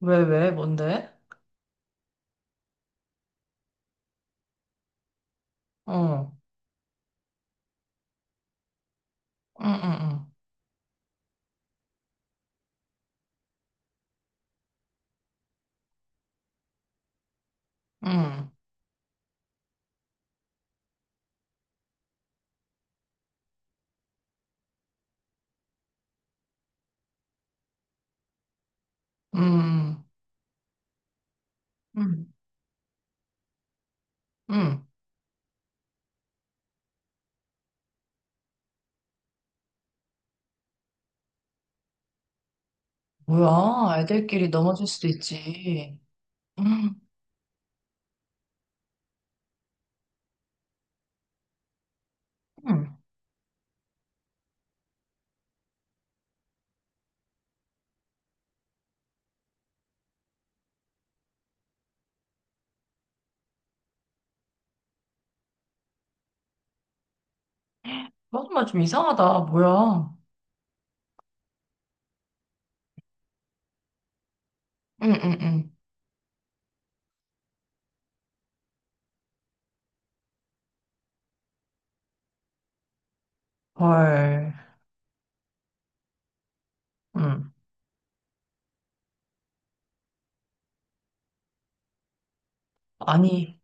왜, 왜, 뭔데? 어, 응, 응, 응, 응, 응, 응, 응. 뭐야, 애들끼리 넘어질 수도 있지. 응, 응. 정말 좀 이상하다, 뭐야. 응, 응, 응. 헐, 응. 아니,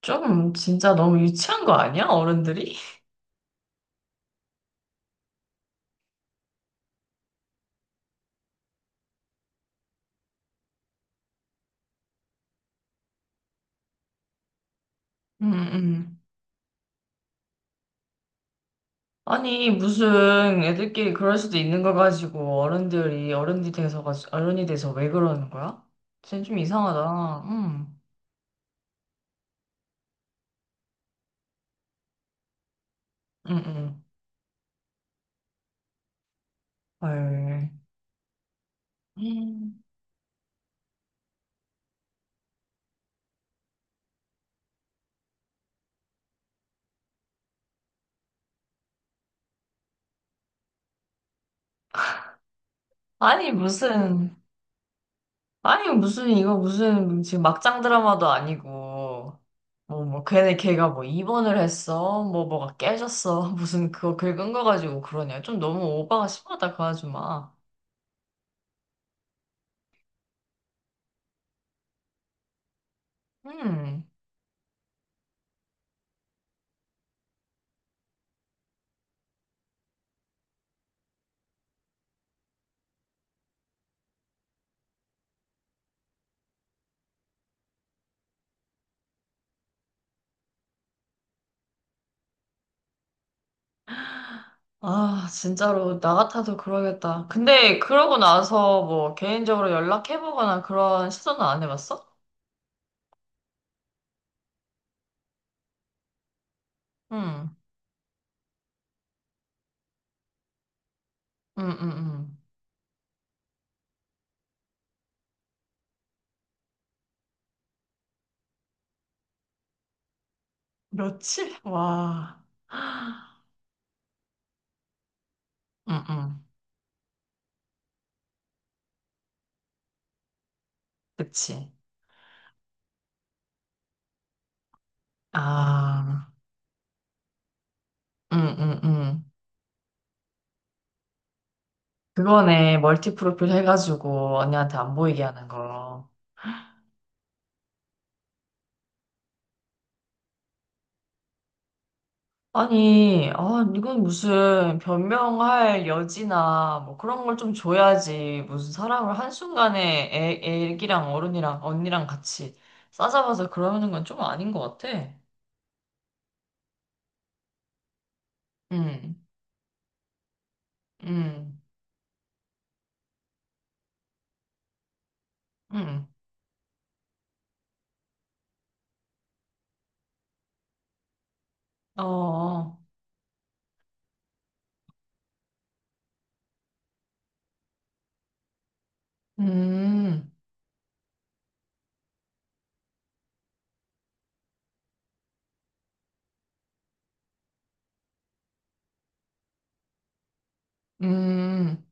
좀 진짜 너무 유치한 거 아니야, 어른들이? 응, 응. 아니, 무슨 애들끼리 그럴 수도 있는 거 가지고 어른들이 어른이 돼서, 어른이 돼서 왜 그러는 거야? 쟤좀 이상하다. 응, 응, 응. 헐. 음. 아니, 무슨, 아니, 무슨, 이거 무슨, 지금 막장 드라마도 아니고, 뭐, 뭐, 걔네 걔가 뭐 입원을 했어, 뭐, 뭐가 깨졌어, 무슨 그거 긁은 거 가지고 그러냐. 좀 너무 오바가 심하다, 그 아줌마. 음. 아, 진짜로, 나 같아도 그러겠다. 근데, 그러고 나서 뭐, 개인적으로 연락해보거나 그런 시도는 안 해봤어? 음, 음, 음, 음. 며칠? 와. 음, 음. 그치. 아, 응응응. 그거네. 멀티 프로필 해가지고 언니한테 안 보이게 하는 거. 아니, 아, 이건 무슨 변명할 여지나 뭐 그런 걸 좀 줘야지. 무슨 사람을 한순간에 애, 애기랑 어른이랑 언니랑 같이 싸잡아서 그러는 건 좀 아닌 것 같아. 응, 음, 음. 어, 음, 음.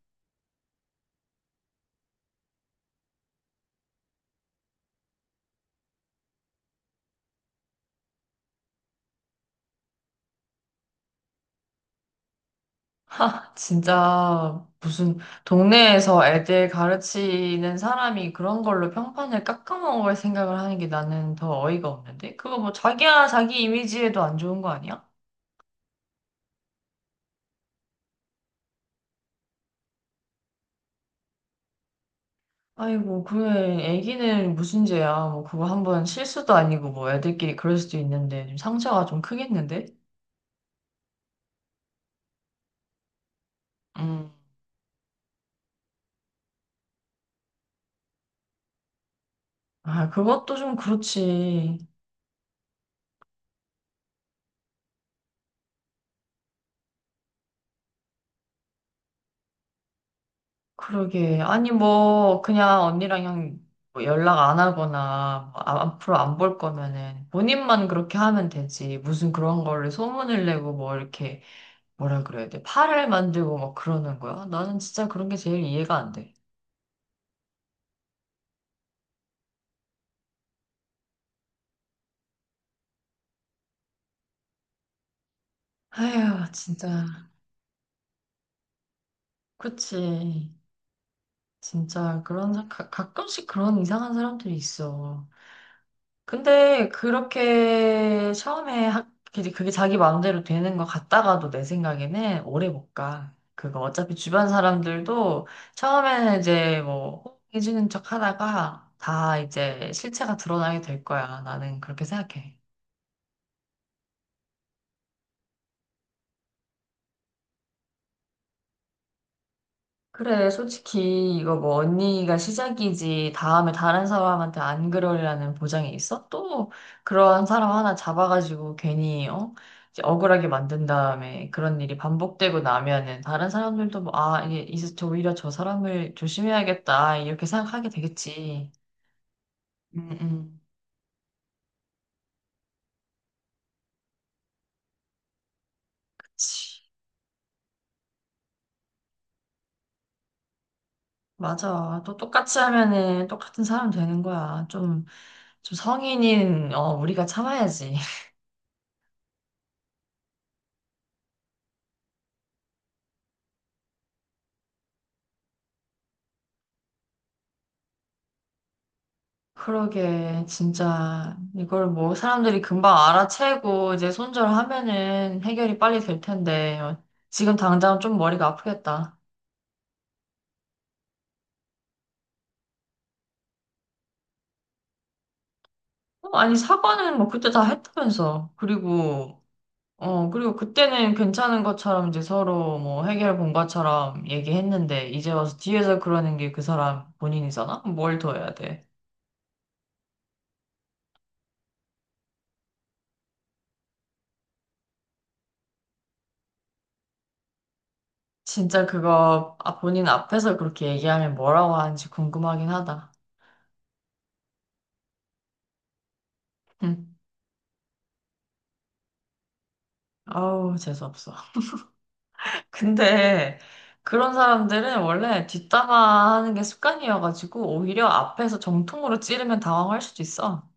하, 진짜 무슨 동네에서 애들 가르치는 사람이 그런 걸로 평판을 깎아먹을 생각을 하는 게 나는 더 어이가 없는데? 그거 뭐 자기야 자기 이미지에도 안 좋은 거 아니야? 아이고, 그래, 애기는 무슨 죄야. 뭐 그거 한번 실수도 아니고 뭐 애들끼리 그럴 수도 있는데 좀 상처가 좀 크겠는데? 음. 아, 그것도 좀 그렇지. 그러게. 아니, 뭐, 그냥 언니랑 형뭐 연락 안 하거나, 뭐 앞으로 안 볼 거면은, 본인만 그렇게 하면 되지. 무슨 그런 거를 소문을 내고, 뭐, 이렇게, 뭐라 그래야 돼. 팔을 만들고 막 그러는 거야. 나는 진짜 그런 게 제일 이해가 안 돼. 아휴, 진짜. 그치. 진짜, 그런, 가, 가끔씩 그런 이상한 사람들이 있어. 근데 그렇게 처음에 학, 그게 자기 마음대로 되는 것 같다가도 내 생각에는 오래 못 가. 그거 어차피 주변 사람들도 처음에는 이제 뭐 호응해주는 척 하다가 다 이제 실체가 드러나게 될 거야. 나는 그렇게 생각해. 그래, 솔직히 이거 뭐 언니가 시작이지 다음에 다른 사람한테 안 그러리라는 보장이 있어? 또 그런 사람 하나 잡아가지고 괜히, 어? 이제 억울하게 만든 다음에 그런 일이 반복되고 나면은 다른 사람들도 뭐, 아, 이게 이제 저 오히려 저 사람을 조심해야겠다 이렇게 생각하게 되겠지. 음, 음. 그치. 맞아. 또 똑같이 하면은 똑같은 사람 되는 거야. 좀, 좀 성인인, 어, 우리가 참아야지. 그러게, 진짜. 이걸 뭐 사람들이 금방 알아채고 이제 손절하면은 해결이 빨리 될 텐데, 어, 지금 당장 좀 머리가 아프겠다. 어, 아니, 사과는 뭐 그때 다 했다면서. 그리고, 어, 그리고 그때는 괜찮은 것처럼 이제 서로 뭐 해결 본 것처럼 얘기했는데, 이제 와서 뒤에서 그러는 게 그 사람 본인이잖아? 뭘 더 해야 돼? 진짜 그거, 아, 본인 앞에서 그렇게 얘기하면 뭐라고 하는지 궁금하긴 하다. 응. 아우, 재수없어. 근데 그런 사람들은 원래 뒷담화 하는 게 습관이어가지고 오히려 앞에서 정통으로 찌르면 당황할 수도 있어.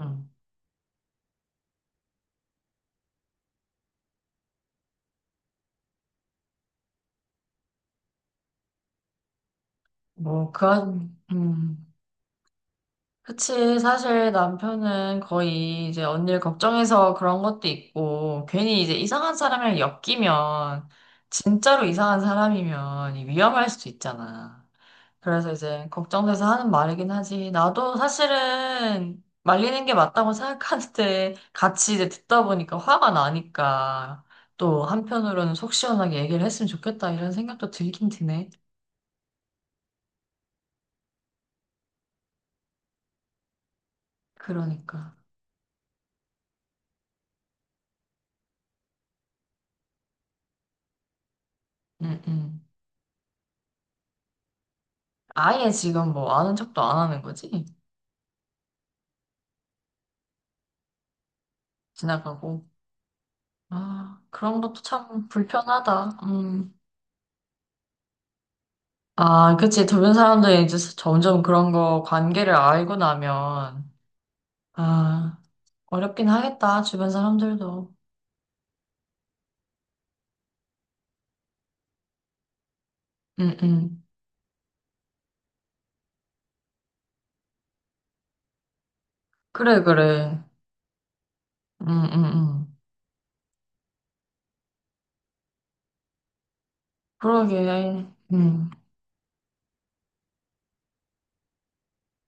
응. 뭐, 그, 한- 그치. 사실 남편은 거의 이제 언니를 걱정해서 그런 것도 있고, 괜히 이제 이상한 사람이랑 엮이면, 진짜로 이상한 사람이면 위험할 수도 있잖아. 그래서 이제 걱정돼서 하는 말이긴 하지. 나도 사실은 말리는 게 맞다고 생각하는데 같이 이제 듣다 보니까 화가 나니까 또 한편으로는 속 시원하게 얘기를 했으면 좋겠다 이런 생각도 들긴 드네. 그러니까. 응, 응. 아예 지금 뭐 아는 척도 안 하는 거지? 지나가고. 아, 그런 것도 참 불편하다. 음. 아, 그치. 주변 사람들이 이제 점점 그런 거 관계를 알고 나면, 아, 어렵긴 하겠다, 주변 사람들도. 응, 응. 그래, 그래. 응, 응, 응. 그러게. 응.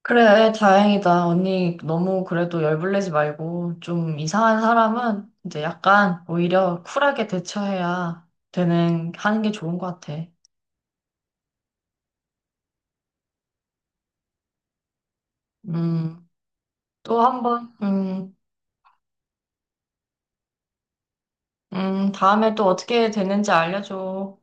그래, 다행이다. 언니, 너무 그래도 열불내지 말고, 좀 이상한 사람은 이제 약간 오히려 쿨하게 대처해야 되는, 하는 게 좋은 것 같아. 음, 또 한 번, 다음에 또 어떻게 되는지 알려줘.